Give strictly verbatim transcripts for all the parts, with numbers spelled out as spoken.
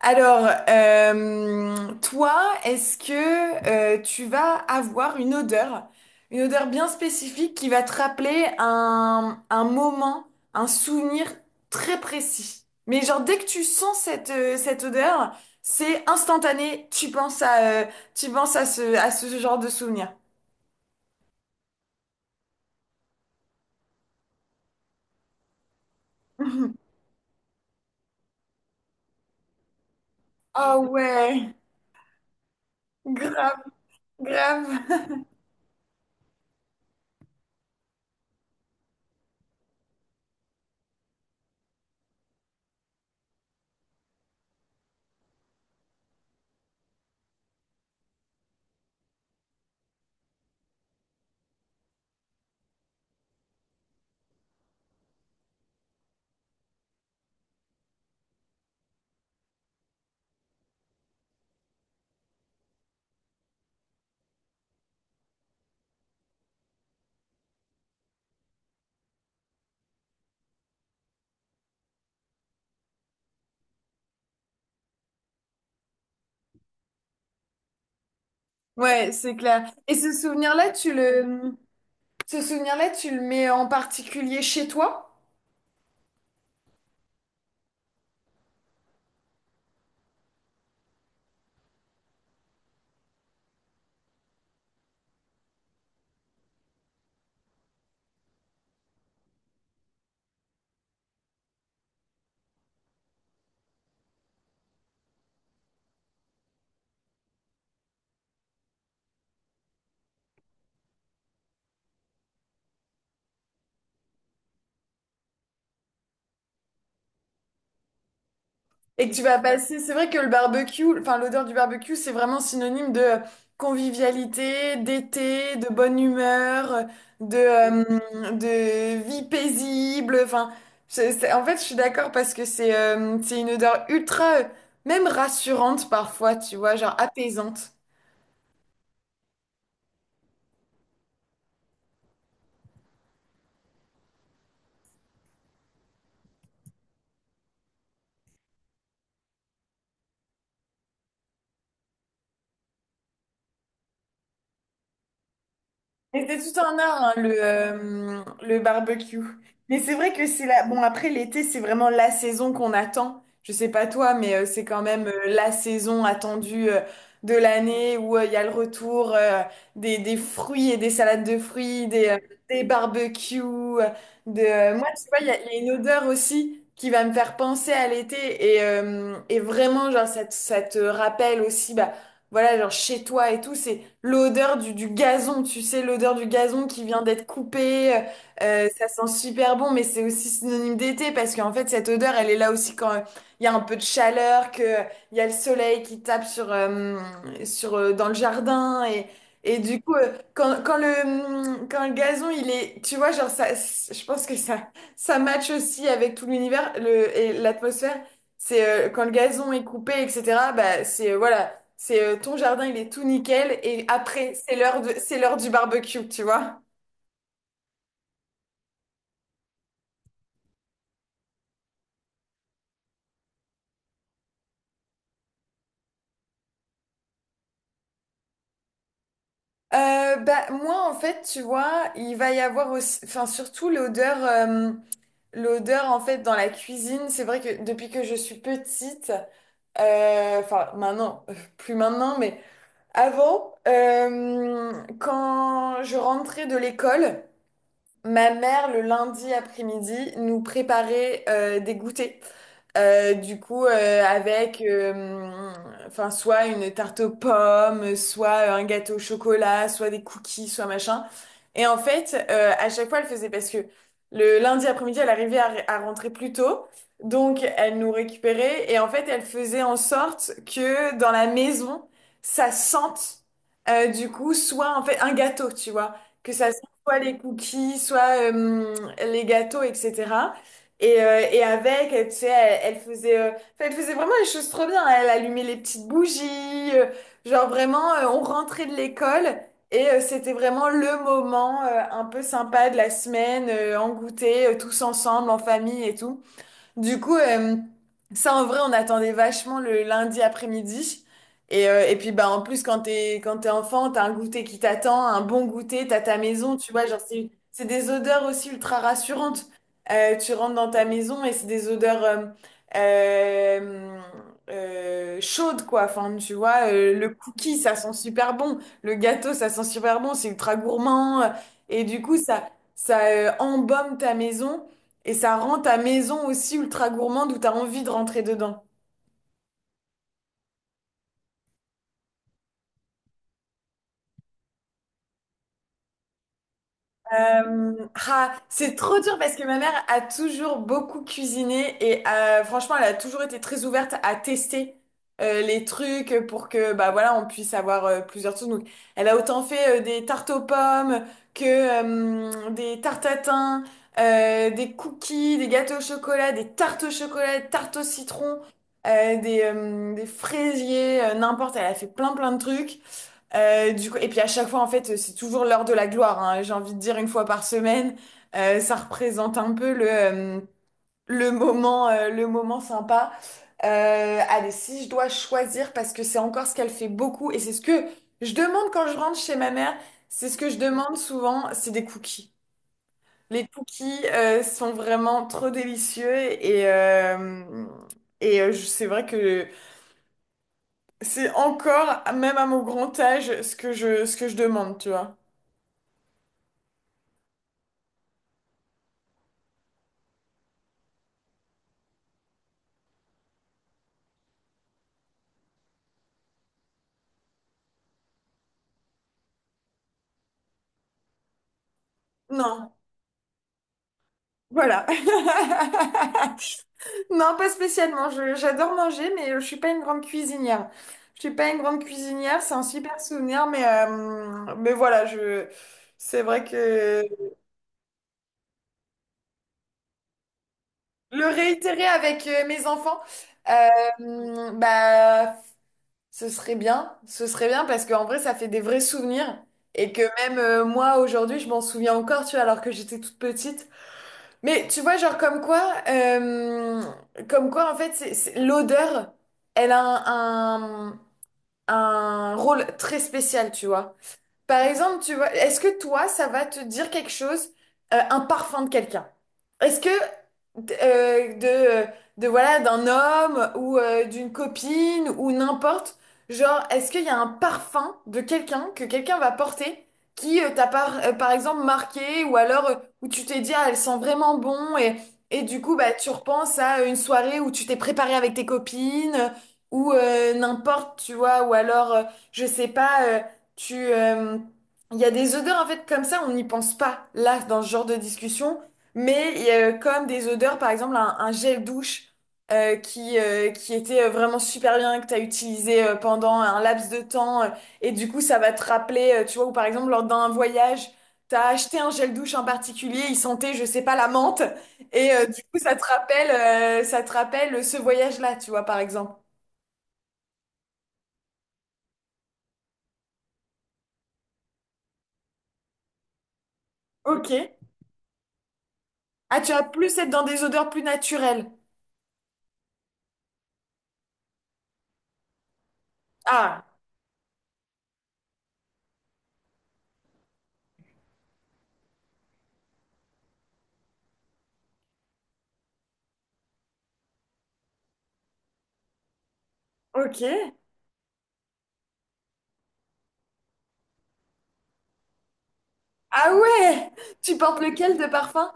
Alors, euh, toi, est-ce que euh, tu vas avoir une odeur, une odeur bien spécifique qui va te rappeler un, un moment, un souvenir très précis? Mais genre, dès que tu sens cette, euh, cette odeur, c'est instantané, tu penses à, euh, tu penses à ce, à ce genre de souvenir. Ah ouais, grave, grave. Ouais, c'est clair. Et ce souvenir-là, tu le, ce souvenir-là, tu le mets en particulier chez toi? Et que tu vas passer, c'est vrai que le barbecue, enfin l'odeur du barbecue, c'est vraiment synonyme de euh, convivialité, d'été, de bonne humeur, de, euh, de vie paisible. Enfin, c'est- c'est- en fait, je suis d'accord parce que c'est euh, c'est une odeur ultra, euh, même rassurante parfois, tu vois, genre apaisante. Mais c'est tout un art, hein, le, euh, le barbecue. Mais c'est vrai que c'est la... Bon, après, l'été, c'est vraiment la saison qu'on attend. Je sais pas toi, mais euh, c'est quand même euh, la saison attendue euh, de l'année où euh, il y a le retour euh, des, des fruits et des salades de fruits, des, euh, des barbecues. euh, de... euh, Moi, tu vois, il y a, il y a une odeur aussi qui va me faire penser à l'été. Et, euh, et vraiment, genre, ça te, ça te rappelle aussi, bah, voilà, genre chez toi et tout. C'est l'odeur du, du gazon, tu sais, l'odeur du gazon qui vient d'être coupé, euh, euh, ça sent super bon, mais c'est aussi synonyme d'été parce qu'en fait, cette odeur, elle est là aussi quand il y a un peu de chaleur, que il y a le soleil qui tape sur, euh, sur, euh, dans le jardin et, et du coup, euh, quand, quand le, quand le gazon, il est, tu vois, genre, ça, je pense que ça, ça match aussi avec tout l'univers, le, et l'atmosphère. C'est euh, quand le gazon est coupé, et cetera. Bah, c'est euh, voilà. C'est euh, ton jardin, il est tout nickel et après, c'est l'heure de, c'est l'heure du barbecue, tu vois. Euh, bah moi en fait, tu vois, il va y avoir aussi, enfin surtout l'odeur, euh, l'odeur en fait dans la cuisine. C'est vrai que depuis que je suis petite, euh, enfin maintenant, euh, plus maintenant, mais avant, euh, quand je rentrais de l'école. Ma mère, le lundi après-midi, nous préparait euh, des goûters. Euh, du coup, euh, avec euh, enfin, soit une tarte aux pommes, soit un gâteau au chocolat, soit des cookies, soit machin. Et en fait, euh, à chaque fois, elle faisait parce que le lundi après-midi, elle arrivait à, à rentrer plus tôt. Donc, elle nous récupérait. Et en fait, elle faisait en sorte que dans la maison, ça sente, euh, du coup, soit en fait un gâteau, tu vois. Que ça soit les cookies, soit euh, les gâteaux, et cetera. Et, euh, et avec, euh, tu sais, elle, elle faisait, euh, enfin, elle faisait vraiment les choses trop bien. Elle allumait les petites bougies, euh, genre vraiment, euh, on rentrait de l'école et euh, c'était vraiment le moment euh, un peu sympa de la semaine, euh, en goûter, euh, tous ensemble, en famille et tout. Du coup, euh, ça en vrai, on attendait vachement le lundi après-midi. Et, euh, et puis, bah, en plus, quand t'es, quand t'es enfant, t'as un goûter qui t'attend, un bon goûter, t'as ta maison, tu vois, genre, c'est, c'est des odeurs aussi ultra rassurantes. Euh, tu rentres dans ta maison et c'est des odeurs euh, euh, euh, chaudes, quoi. Enfin, tu vois, euh, le cookie, ça sent super bon. Le gâteau, ça sent super bon. C'est ultra gourmand. Et du coup, ça, ça euh, embaume ta maison. Et ça rend ta maison aussi ultra gourmande où t'as envie de rentrer dedans. Euh, ah, c'est trop dur parce que ma mère a toujours beaucoup cuisiné et euh, franchement, elle a toujours été très ouverte à tester euh, les trucs pour que bah voilà, on puisse avoir euh, plusieurs choses. Donc, elle a autant fait euh, des tartes aux pommes que euh, des tartes à thym, euh, des cookies, des gâteaux au chocolat, des tartes au chocolat, des tartes au citron, euh, des, euh, des fraisiers, euh, n'importe. Elle a fait plein plein de trucs. Euh, du coup, et puis à chaque fois, en fait, c'est toujours l'heure de la gloire, hein. J'ai envie de dire une fois par semaine, Euh, ça représente un peu le, euh, le moment, euh, le moment sympa. Euh, allez, si je dois choisir, parce que c'est encore ce qu'elle fait beaucoup, et c'est ce que je demande quand je rentre chez ma mère, c'est ce que je demande souvent, c'est des cookies. Les cookies, euh, sont vraiment trop délicieux et, euh, et euh, je- c'est vrai que c'est encore, même à mon grand âge, ce que je, ce que je demande, tu vois. Non, voilà. Non, pas spécialement. Je- j'adore manger, mais je suis pas une grande cuisinière. Je suis pas une grande cuisinière, c'est un super souvenir, mais, euh, mais voilà, je, c'est vrai que le réitérer avec euh, mes enfants, euh, bah, ce serait bien. Ce serait bien parce qu'en vrai, ça fait des vrais souvenirs et que même euh, moi, aujourd'hui, je m'en souviens encore, tu vois, alors que j'étais toute petite. Mais tu vois, genre comme quoi, euh, comme quoi en fait, c'est, c'est- l'odeur, elle a un, un, un rôle très spécial, tu vois. Par exemple, tu vois, est-ce que toi, ça va te dire quelque chose, euh, un parfum de quelqu'un? Est-ce que d- euh, de, de voilà, d'un homme ou euh, d'une copine ou n'importe, genre, est-ce qu'il y a un parfum de quelqu'un que quelqu'un va porter qui euh, t'a par, euh, par exemple marqué ou alors euh, où tu t'es dit, ah, elle sent vraiment bon et, et du coup, bah, tu repenses à une soirée où tu t'es préparé avec tes copines ou euh, n'importe, tu vois, ou alors, euh, je sais pas. euh, tu, euh, il y a des odeurs en fait comme ça, on n'y pense pas là dans ce genre de discussion, mais il y a euh, comme des odeurs, par exemple un, un gel douche euh, qui euh, qui était euh, vraiment super bien que tu as utilisé euh, pendant un laps de temps euh, et du coup ça va te rappeler, euh, tu vois, ou par exemple lors d'un voyage, tu as acheté un gel douche en particulier, il sentait, je sais pas, la menthe et euh, du coup ça te rappelle euh, ça te rappelle ce voyage-là, tu vois par exemple. Ok. Ah, tu as plus être dans des odeurs plus naturelles. Ah. Ok. Ah ouais! Tu portes lequel de parfum?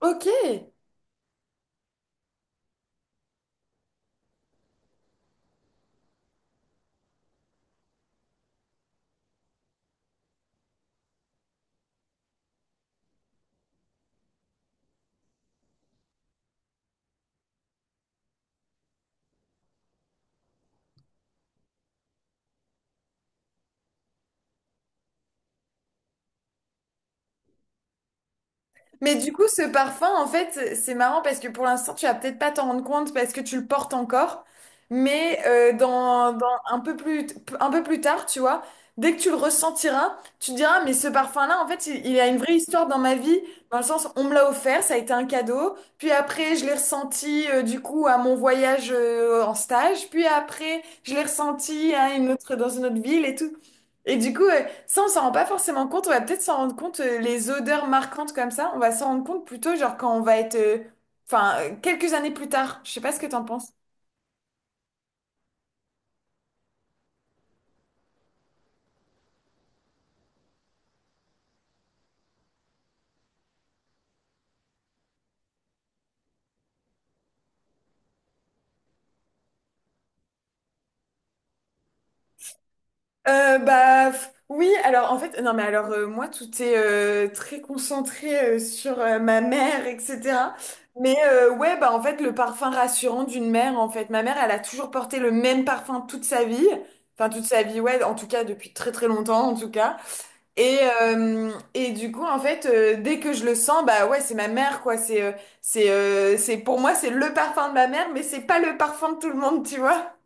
Ok. Mais du coup, ce parfum, en fait, c'est marrant parce que pour l'instant, tu vas peut-être pas t'en rendre compte parce que tu le portes encore. Mais euh, dans, dans un peu plus, un peu plus tard, tu vois, dès que tu le ressentiras, tu te diras, mais ce parfum-là, en fait, il, il a une vraie histoire dans ma vie, dans le sens, on me l'a offert, ça a été un cadeau. Puis après, je l'ai ressenti, euh, du coup, à mon voyage euh, en stage. Puis après, je l'ai ressenti à une autre, dans une autre ville et tout. Et du coup, euh, ça, on s'en rend pas forcément compte. On va peut-être s'en rendre compte, euh, les odeurs marquantes comme ça, on va s'en rendre compte plutôt, genre, quand on va être, euh, enfin, euh, quelques années plus tard. Je sais pas ce que t'en penses. Euh, bah f- oui, alors en fait, non mais alors euh, moi tout est euh, très concentré euh, sur euh, ma mère, et cetera. Mais euh, ouais, bah en fait le parfum rassurant d'une mère, en fait, ma mère elle a toujours porté le même parfum toute sa vie, enfin toute sa vie, ouais, en tout cas depuis très très longtemps en tout cas. Et, euh, et du coup, en fait, euh, dès que je le sens, bah ouais, c'est ma mère, quoi. C'est, euh, c'est, euh, c'est, pour moi, c'est le parfum de ma mère, mais c'est pas le parfum de tout le monde, tu vois.